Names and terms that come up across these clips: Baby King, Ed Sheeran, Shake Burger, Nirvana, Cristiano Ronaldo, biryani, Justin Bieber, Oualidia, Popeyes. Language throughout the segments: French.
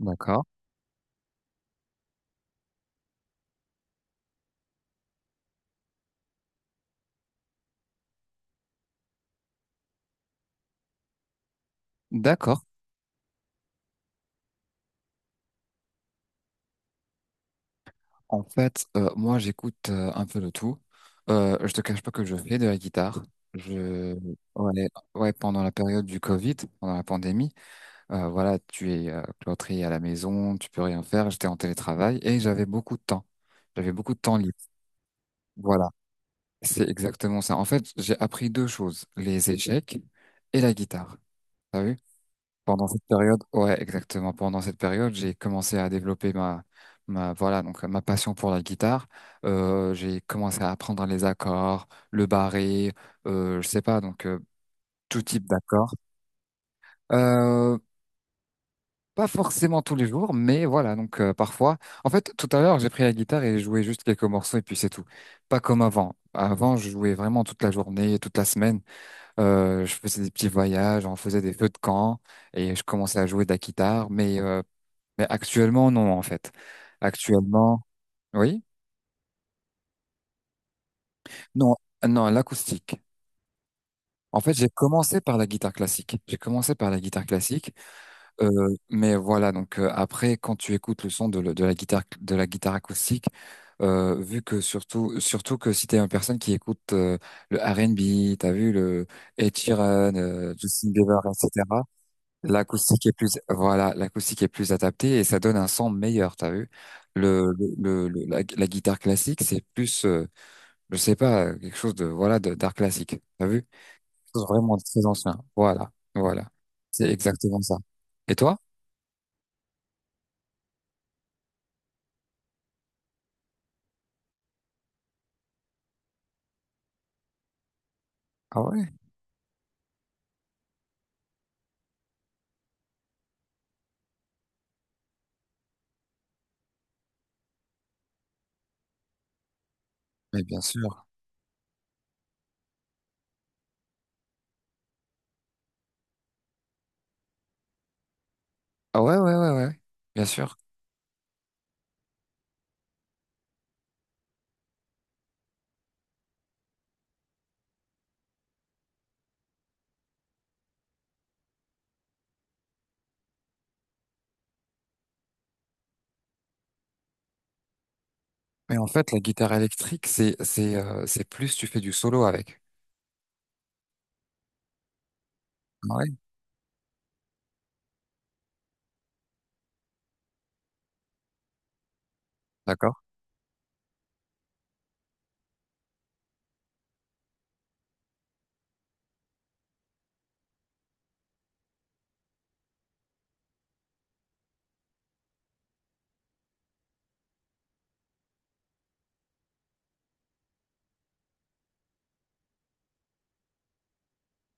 D'accord. D'accord. En fait, moi, j'écoute un peu de tout. Je te cache pas que je fais de la guitare. Je, ouais, ouais, pendant la période du Covid, pendant la pandémie, voilà, tu es cloîtré à la maison, tu peux rien faire. J'étais en télétravail et j'avais beaucoup de temps. J'avais beaucoup de temps libre. Voilà, c'est exactement ça. En fait, j'ai appris deux choses, les échecs et la guitare. T'as vu? Pendant cette période, ouais, exactement. Pendant cette période, j'ai commencé à développer voilà, donc ma passion pour la guitare. J'ai commencé à apprendre les accords, le barré, je sais pas, tout type d'accords. Euh, pas forcément tous les jours, mais voilà, parfois. En fait, tout à l'heure, j'ai pris la guitare et joué juste quelques morceaux et puis c'est tout. Pas comme avant. Avant, je jouais vraiment toute la journée, toute la semaine. Je faisais des petits voyages, on faisait des feux de camp et je commençais à jouer de la guitare, mais actuellement, non, en fait. Actuellement, oui. Non, non, l'acoustique. En fait, j'ai commencé par la guitare classique. J'ai commencé par la guitare classique, euh, mais voilà. Après, quand tu écoutes le son de, le- de la guitare acoustique, vu que surtout que si t'es une personne qui écoute le R&B, t'as vu le Ed Sheeran, Justin Bieber, etc. L'acoustique est plus, voilà, l'acoustique est plus adaptée et ça donne un son meilleur, t'as vu? Le, le, la guitare classique, c'est plus, je sais pas, quelque chose de, voilà, d'art classique, t'as vu? Quelque chose vraiment très ancien. Voilà, voilà. C'est exactement ça. Et toi? Ah ouais? Mais bien sûr. Ah ouais, ouais, ouais, ouais. Bien sûr. Mais en fait, la guitare électrique, c'est plus tu fais du solo avec. Ah ouais, d'accord.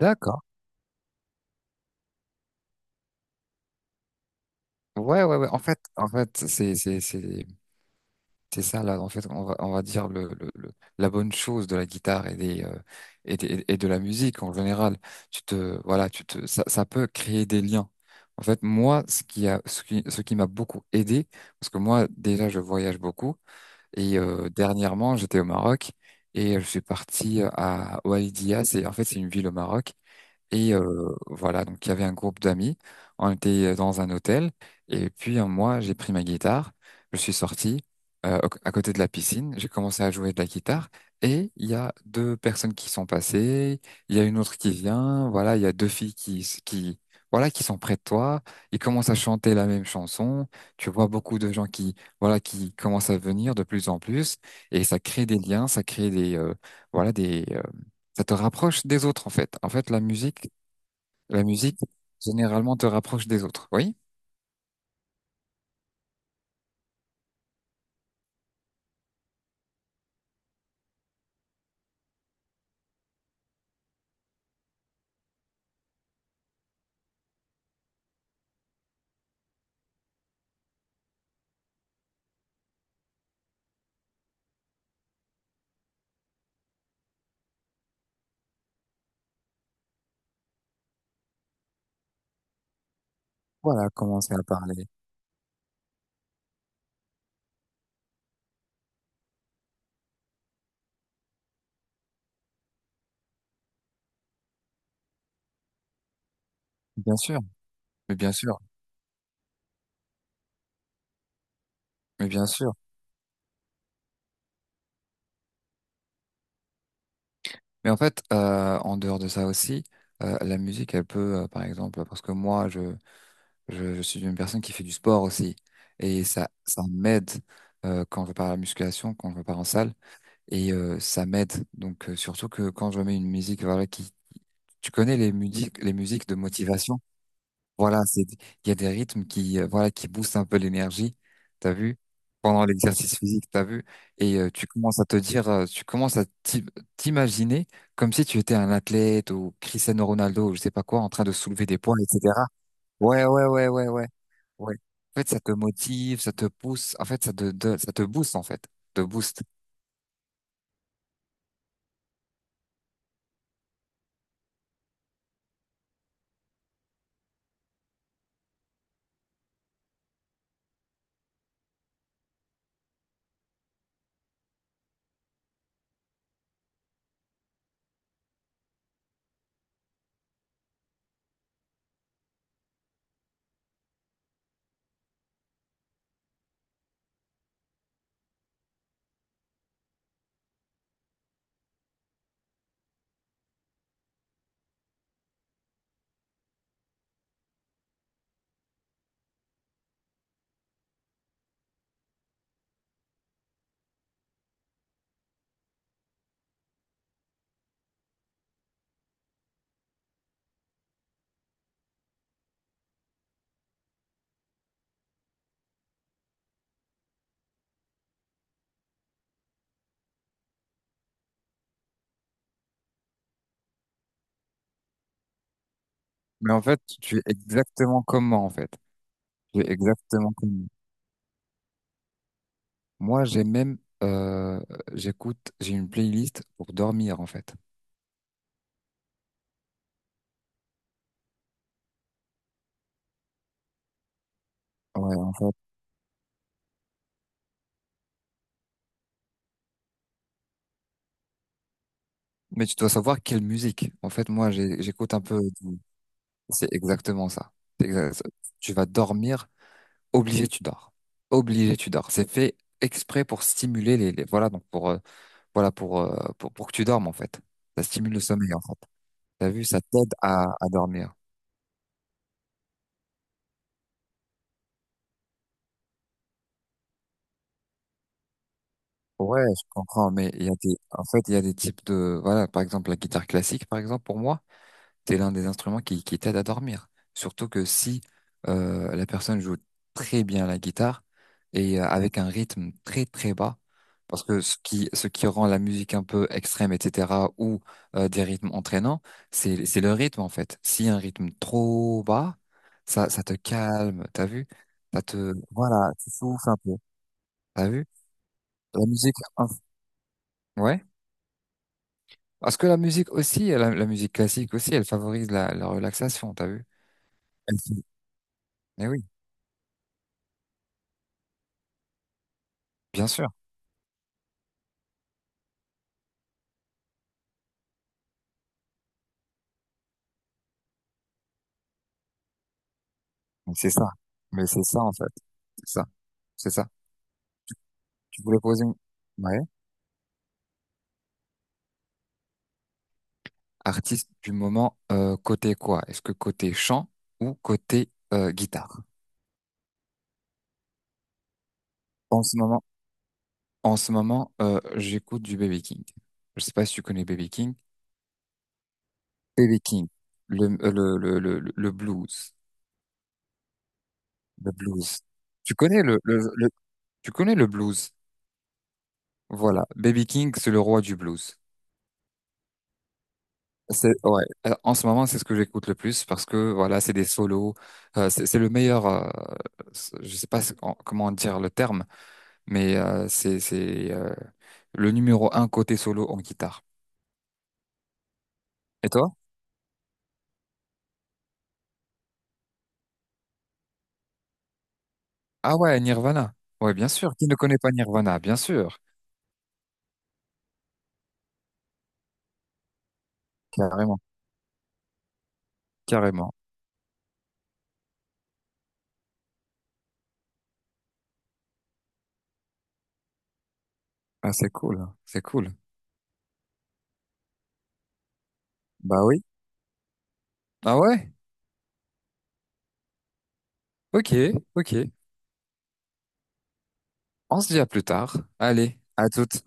D'accord. Ouais, ouais, ouais. En fait, c'est ça, là, en fait, on va dire la bonne chose de la guitare et de la musique en général. Voilà, ça peut créer des liens. En fait, moi, ce qui a, ce qui m'a beaucoup aidé, parce que moi, déjà, je voyage beaucoup et dernièrement, j'étais au Maroc et je suis parti à Oualidia. C'est une ville au Maroc et voilà, donc il y avait un groupe d'amis, on était dans un hôtel, et puis moi j'ai pris ma guitare, je suis sorti à côté de la piscine, j'ai commencé à jouer de la guitare, et il y a deux personnes qui sont passées, il y a une autre qui vient, voilà, il y a deux filles voilà, qui sont près de toi, ils commencent à chanter la même chanson, tu vois beaucoup de gens qui, voilà, qui commencent à venir de plus en plus, et ça crée des liens, ça crée des, voilà, des, ça te rapproche des autres en fait. En fait, la musique, généralement, te rapproche des autres, oui? Voilà, commencer à parler. Bien sûr, mais bien sûr, mais bien sûr. Mais en fait, en dehors de ça aussi, la musique, elle peut, par exemple, parce que moi, je suis une personne qui fait du sport aussi, et ça m'aide quand je pars à la musculation, quand je pars en salle, et ça m'aide. Donc, surtout que quand je mets une musique, voilà, qui, tu connais les musiques de motivation. Voilà, c'est, il y a des rythmes qui, voilà, qui boostent un peu l'énergie, t'as vu, pendant l'exercice physique, t'as vu, et tu commences à te dire, tu commences à t'imaginer comme si tu étais un athlète ou Cristiano Ronaldo ou je sais pas quoi, en train de soulever des poids, etc. Ouais, ouais, ouais, ouais, ouais, ouais. En fait, ça te motive, ça te pousse, en fait, ça te booste, en fait, te booste. Mais en fait, tu es exactement comme moi, en fait. Tu es exactement comme moi. Moi, j'ai même, euh, j'écoute, j'ai une playlist pour dormir, en fait. Ouais, en fait. Mais tu dois savoir quelle musique. En fait, moi, j'écoute un peu. C'est exactement ça. C'est exa- Tu vas dormir, obligé, tu dors. Obligé, tu dors. C'est fait exprès pour stimuler voilà, voilà, pour que tu dormes, en fait. Ça stimule le sommeil, en fait. T'as vu, ça t'aide à dormir. Ouais, je comprends, mais il y a des, en fait, il y a des types de, voilà, par exemple, la guitare classique, par exemple, pour moi. C'est l'un des instruments qui t'aide à dormir. Surtout que si la personne joue très bien la guitare et avec un rythme très bas, parce que ce qui rend la musique un peu extrême, etc., ou des rythmes entraînants, c'est le rythme en fait. Si un rythme trop bas, ça te calme, t'as vu? Ça te, voilà, tu souffles un peu, t'as vu? La musique, inf- ouais. Parce que la musique aussi, la musique classique aussi, elle favorise la relaxation, t'as vu? Elle- eh oui. Bien sûr, mais c'est ça. Mais c'est ça en fait. C'est ça. C'est ça. Tu voulais poser une... Ouais. Artiste du moment, côté quoi? Est-ce que côté chant ou côté guitare? En ce moment, en ce moment, j'écoute du Baby King. Je sais pas si tu connais Baby King. Baby King, le blues. Le blues. Tu connais tu connais le blues. Voilà. Baby King, c'est le roi du blues. C'est ouais. En ce moment, c'est ce que j'écoute le plus parce que voilà, c'est des solos. C'est le meilleur. Je sais pas comment dire le terme, c'est le numéro 1 côté solo en guitare. Et toi? Ah ouais, Nirvana. Ouais, bien sûr. Qui ne connaît pas Nirvana? Bien sûr. Carrément, carrément. Ah, c'est cool, c'est cool. Bah oui. Ah ouais? Ok, ok. On se dit à plus tard. Allez, à toutes.